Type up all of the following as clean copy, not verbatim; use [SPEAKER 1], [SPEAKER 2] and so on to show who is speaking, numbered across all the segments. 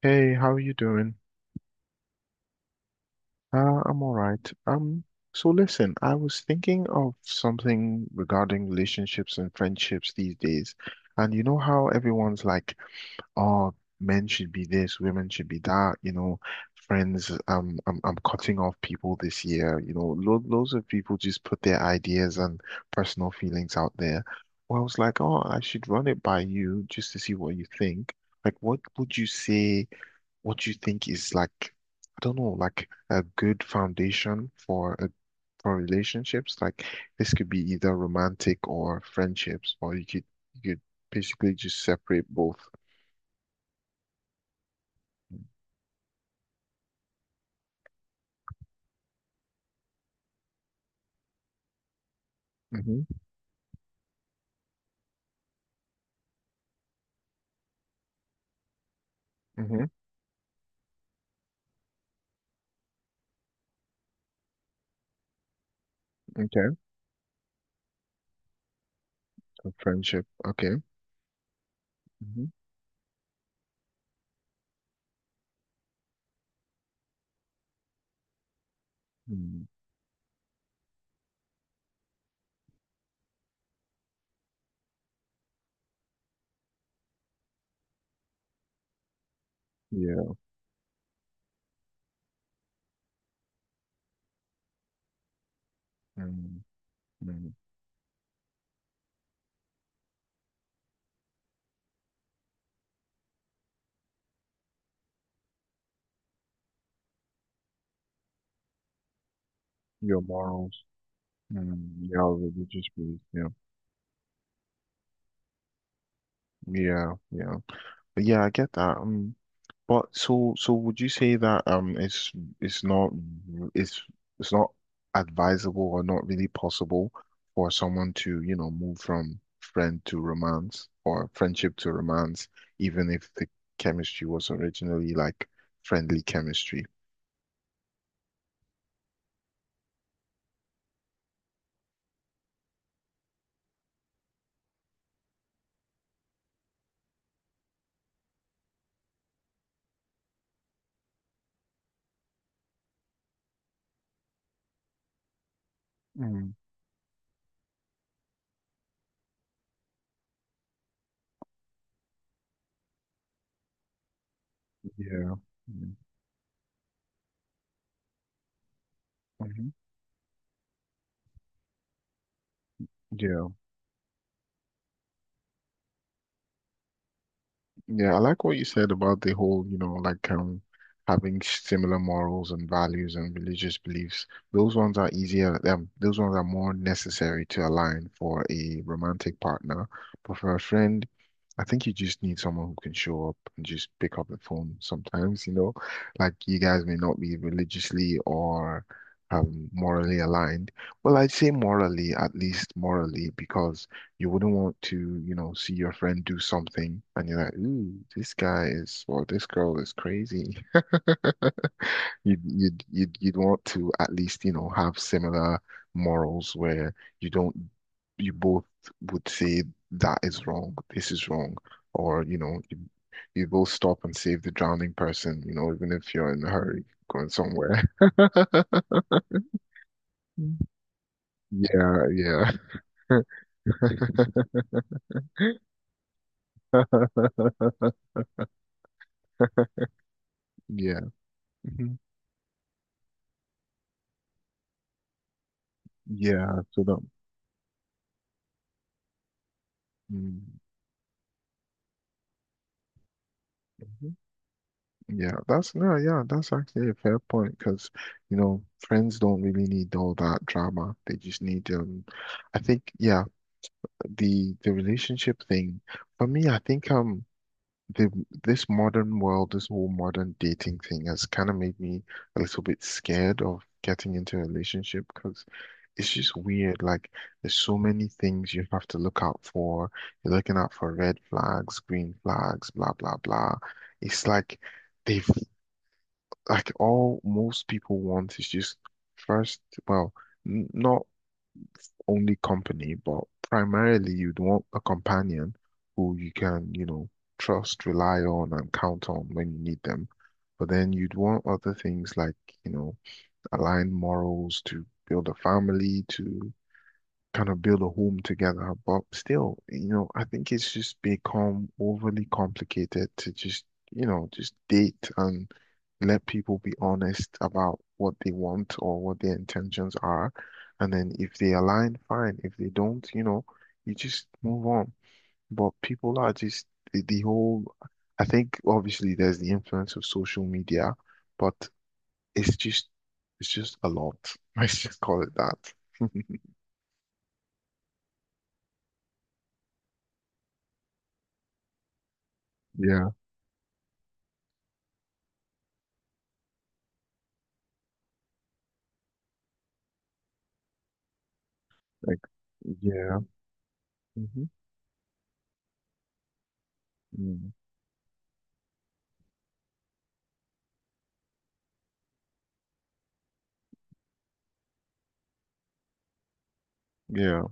[SPEAKER 1] Hey, how are you doing? I'm all right. So listen, I was thinking of something regarding relationships and friendships these days. And you know how everyone's like, oh, men should be this, women should be that, you know, friends, I'm cutting off people this year. You know, lo loads of people just put their ideas and personal feelings out there. Well, I was like, oh, I should run it by you just to see what you think. Like, what would you say? What do you think is like, I don't know, like a good foundation for a for relationships? Like this could be either romantic or friendships, or you could basically just separate both. Mm-hmm. Mm-hmm. Okay. So friendship. Okay. Mm-hmm. Mm, yeah. Mm, mm. Your morals. Mm, your religious beliefs. Yeah. Yeah. Yeah, yeah, I get that. But so would you say that it's it's not it's it's not advisable or not really possible for someone to, you know, move from friend to romance or friendship to romance, even if the chemistry was originally like friendly chemistry? Mm. Yeah. Mm, mhm. Yeah. Yeah, I like what you said about the whole, you know, like having similar morals and values and religious beliefs. Those ones are easier, those ones are more necessary to align for a romantic partner. But for a friend, I think you just need someone who can show up and just pick up the phone sometimes, you know. Like you guys may not be religiously or morally aligned. Well, I'd say morally, at least morally, because you wouldn't want to, you know, see your friend do something and you're like, ooh, this guy is, well, this girl is crazy. You'd want to at least, you know, have similar morals where you don't, you both would say that is wrong, this is wrong, or, you know, you both stop and save the drowning person, you know, even if you're in a hurry going somewhere. Yeah, yeah, yeah, mhm. Yeah. So that. Mm. Mhm. Yeah, that's no, yeah, that's actually a fair point because you know friends don't really need all that drama. They just need I think yeah, the relationship thing for me, I think the this modern world, this whole modern dating thing has kind of made me a little bit scared of getting into a relationship because it's just weird. Like there's so many things you have to look out for. You're looking out for red flags, green flags, blah blah blah. It's like they've like all most people want is just first, well, n not only company, but primarily you'd want a companion who you can, you know, trust, rely on, and count on when you need them. But then you'd want other things like, you know, align morals to build a family, to kind of build a home together. But still, you know, I think it's just become overly complicated to just, you know, just date and let people be honest about what they want or what their intentions are. And then if they align, fine. If they don't, you know, you just move on. But people are just the, the whole, I think obviously there's the influence of social media, but it's just, it's just a lot. Let's just call it that. Yeah. Like, yeah. Hmm. Mm. Yeah.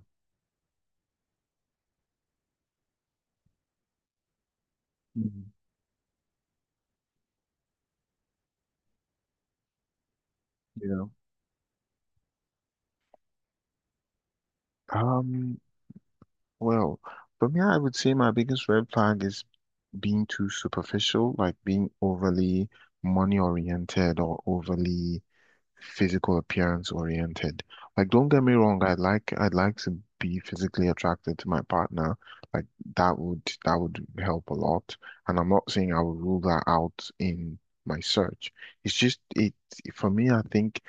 [SPEAKER 1] Mm. Yeah. Um, well, for me, I would say my biggest red flag is being too superficial, like being overly money oriented or overly physical appearance oriented. Like, don't get me wrong, I'd like to be physically attracted to my partner. Like that would help a lot. And I'm not saying I would rule that out in my search. It's just it For me, I think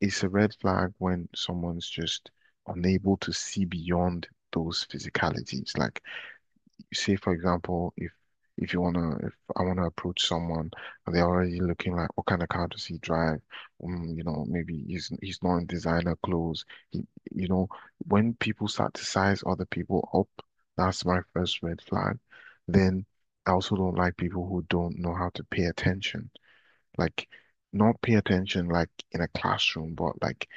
[SPEAKER 1] it's a red flag when someone's just unable to see beyond those physicalities. Like, say for example, if you wanna, if I wanna approach someone, and they're already looking like, what kind of car does he drive? Mm, you know, maybe he's not in designer clothes. He, you know, when people start to size other people up, that's my first red flag. Then I also don't like people who don't know how to pay attention, like not pay attention like in a classroom, but like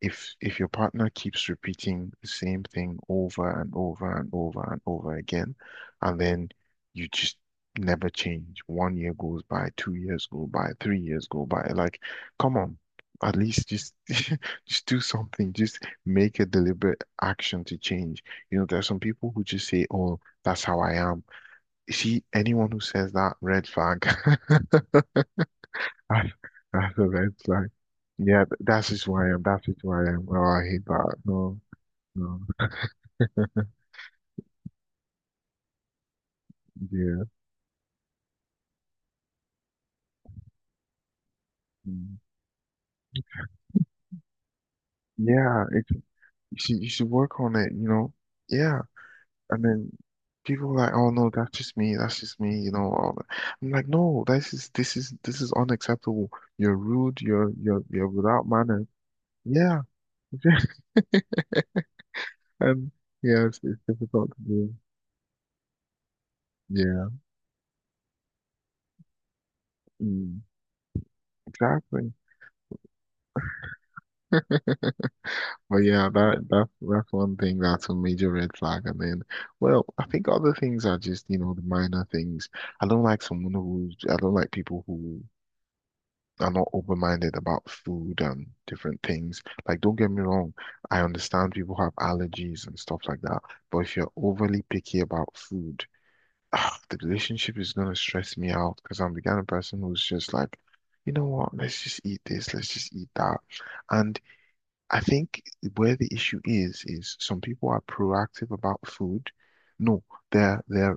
[SPEAKER 1] if your partner keeps repeating the same thing over and over and over and over again, and then you just never change. 1 year goes by, 2 years go by, 3 years go by. Like, come on, at least just just do something. Just make a deliberate action to change. You know, there are some people who just say, "Oh, that's how I am." You see, anyone who says that, red flag. I, that's a red flag. Yeah, that's just who I am. That's just who I am. Oh, I hate that. No, no. Yeah. Mm. Yeah, it's you should work on it, you know. Yeah. And then people are like, oh no, that's just me, you know, all that. I'm like, no, this is unacceptable. You're rude, you're without manners. Yeah. And yeah, it's difficult to do. Yeah. Mm, exactly. But yeah, that's one thing that's a major red flag. And then, well, I think other things are just, you know, the minor things. I don't like people who are not open-minded about food and different things. Like, don't get me wrong, I understand people have allergies and stuff like that. But if you're overly picky about food, ah, the relationship is gonna stress me out because I'm the kind of person who's just like, you know what, let's just eat this, let's just eat that. And I think where the issue is some people are proactive about food. No, they're they're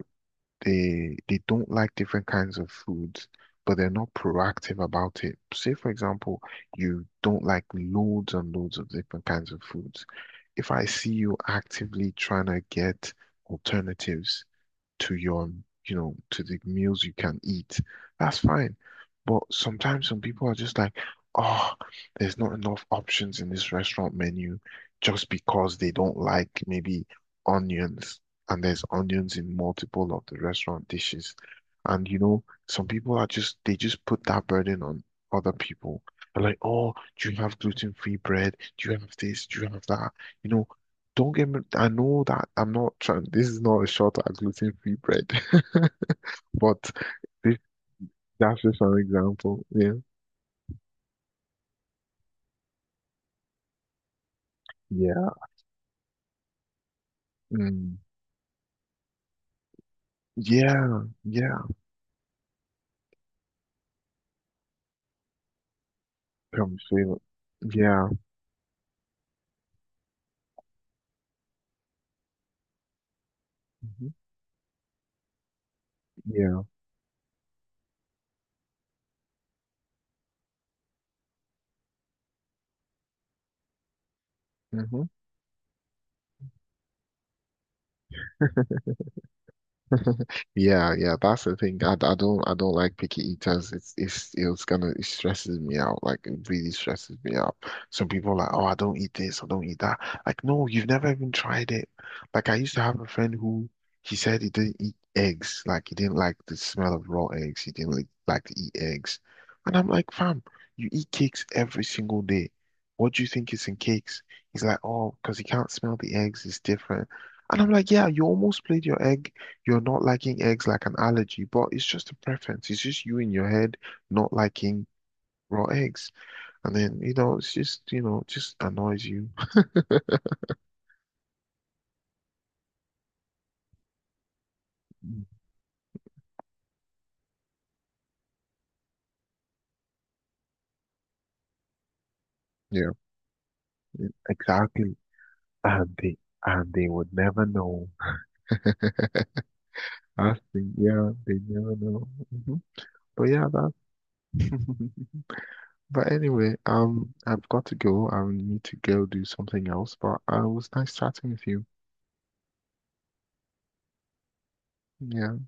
[SPEAKER 1] they they don't like different kinds of foods, but they're not proactive about it. Say, for example, you don't like loads and loads of different kinds of foods. If I see you actively trying to get alternatives to your, you know, to the meals you can eat, that's fine. But sometimes some people are just like, oh, there's not enough options in this restaurant menu just because they don't like maybe onions and there's onions in multiple of the restaurant dishes. And you know, some people are just they just put that burden on other people. They're like, oh, do you have gluten-free bread? Do you have this? Do you have that? You know, don't get me. I know that I'm not trying. This is not a shot at gluten-free bread, but this, that's just an example. Yeah. Yeah. Mm. Yeah. Yeah. Come say. Yeah. Mhm. Yeah. Mhm. Yeah, yeah, that's the thing. I don't like picky eaters. It's gonna, it stresses me out. Like it really stresses me out. Some people are like, oh, I don't eat this, I don't eat that. Like, no, you've never even tried it. Like I used to have a friend who he said he didn't eat eggs. Like he didn't like the smell of raw eggs. He didn't like to eat eggs. And I'm like, fam, you eat cakes every single day. What do you think is in cakes? He's like, oh, because he can't smell the eggs, it's different. And I'm like, yeah, you almost played your egg. You're not liking eggs like an allergy, but it's just a preference. It's just you in your head not liking raw eggs. And then, you know, it's just, you know, just annoys you. Mm. Yeah, exactly. And they would never know. I think, yeah, they never know. Mhm. But yeah, that. But anyway, I've got to go. I need to go do something else. But it was nice chatting with you. Yeah.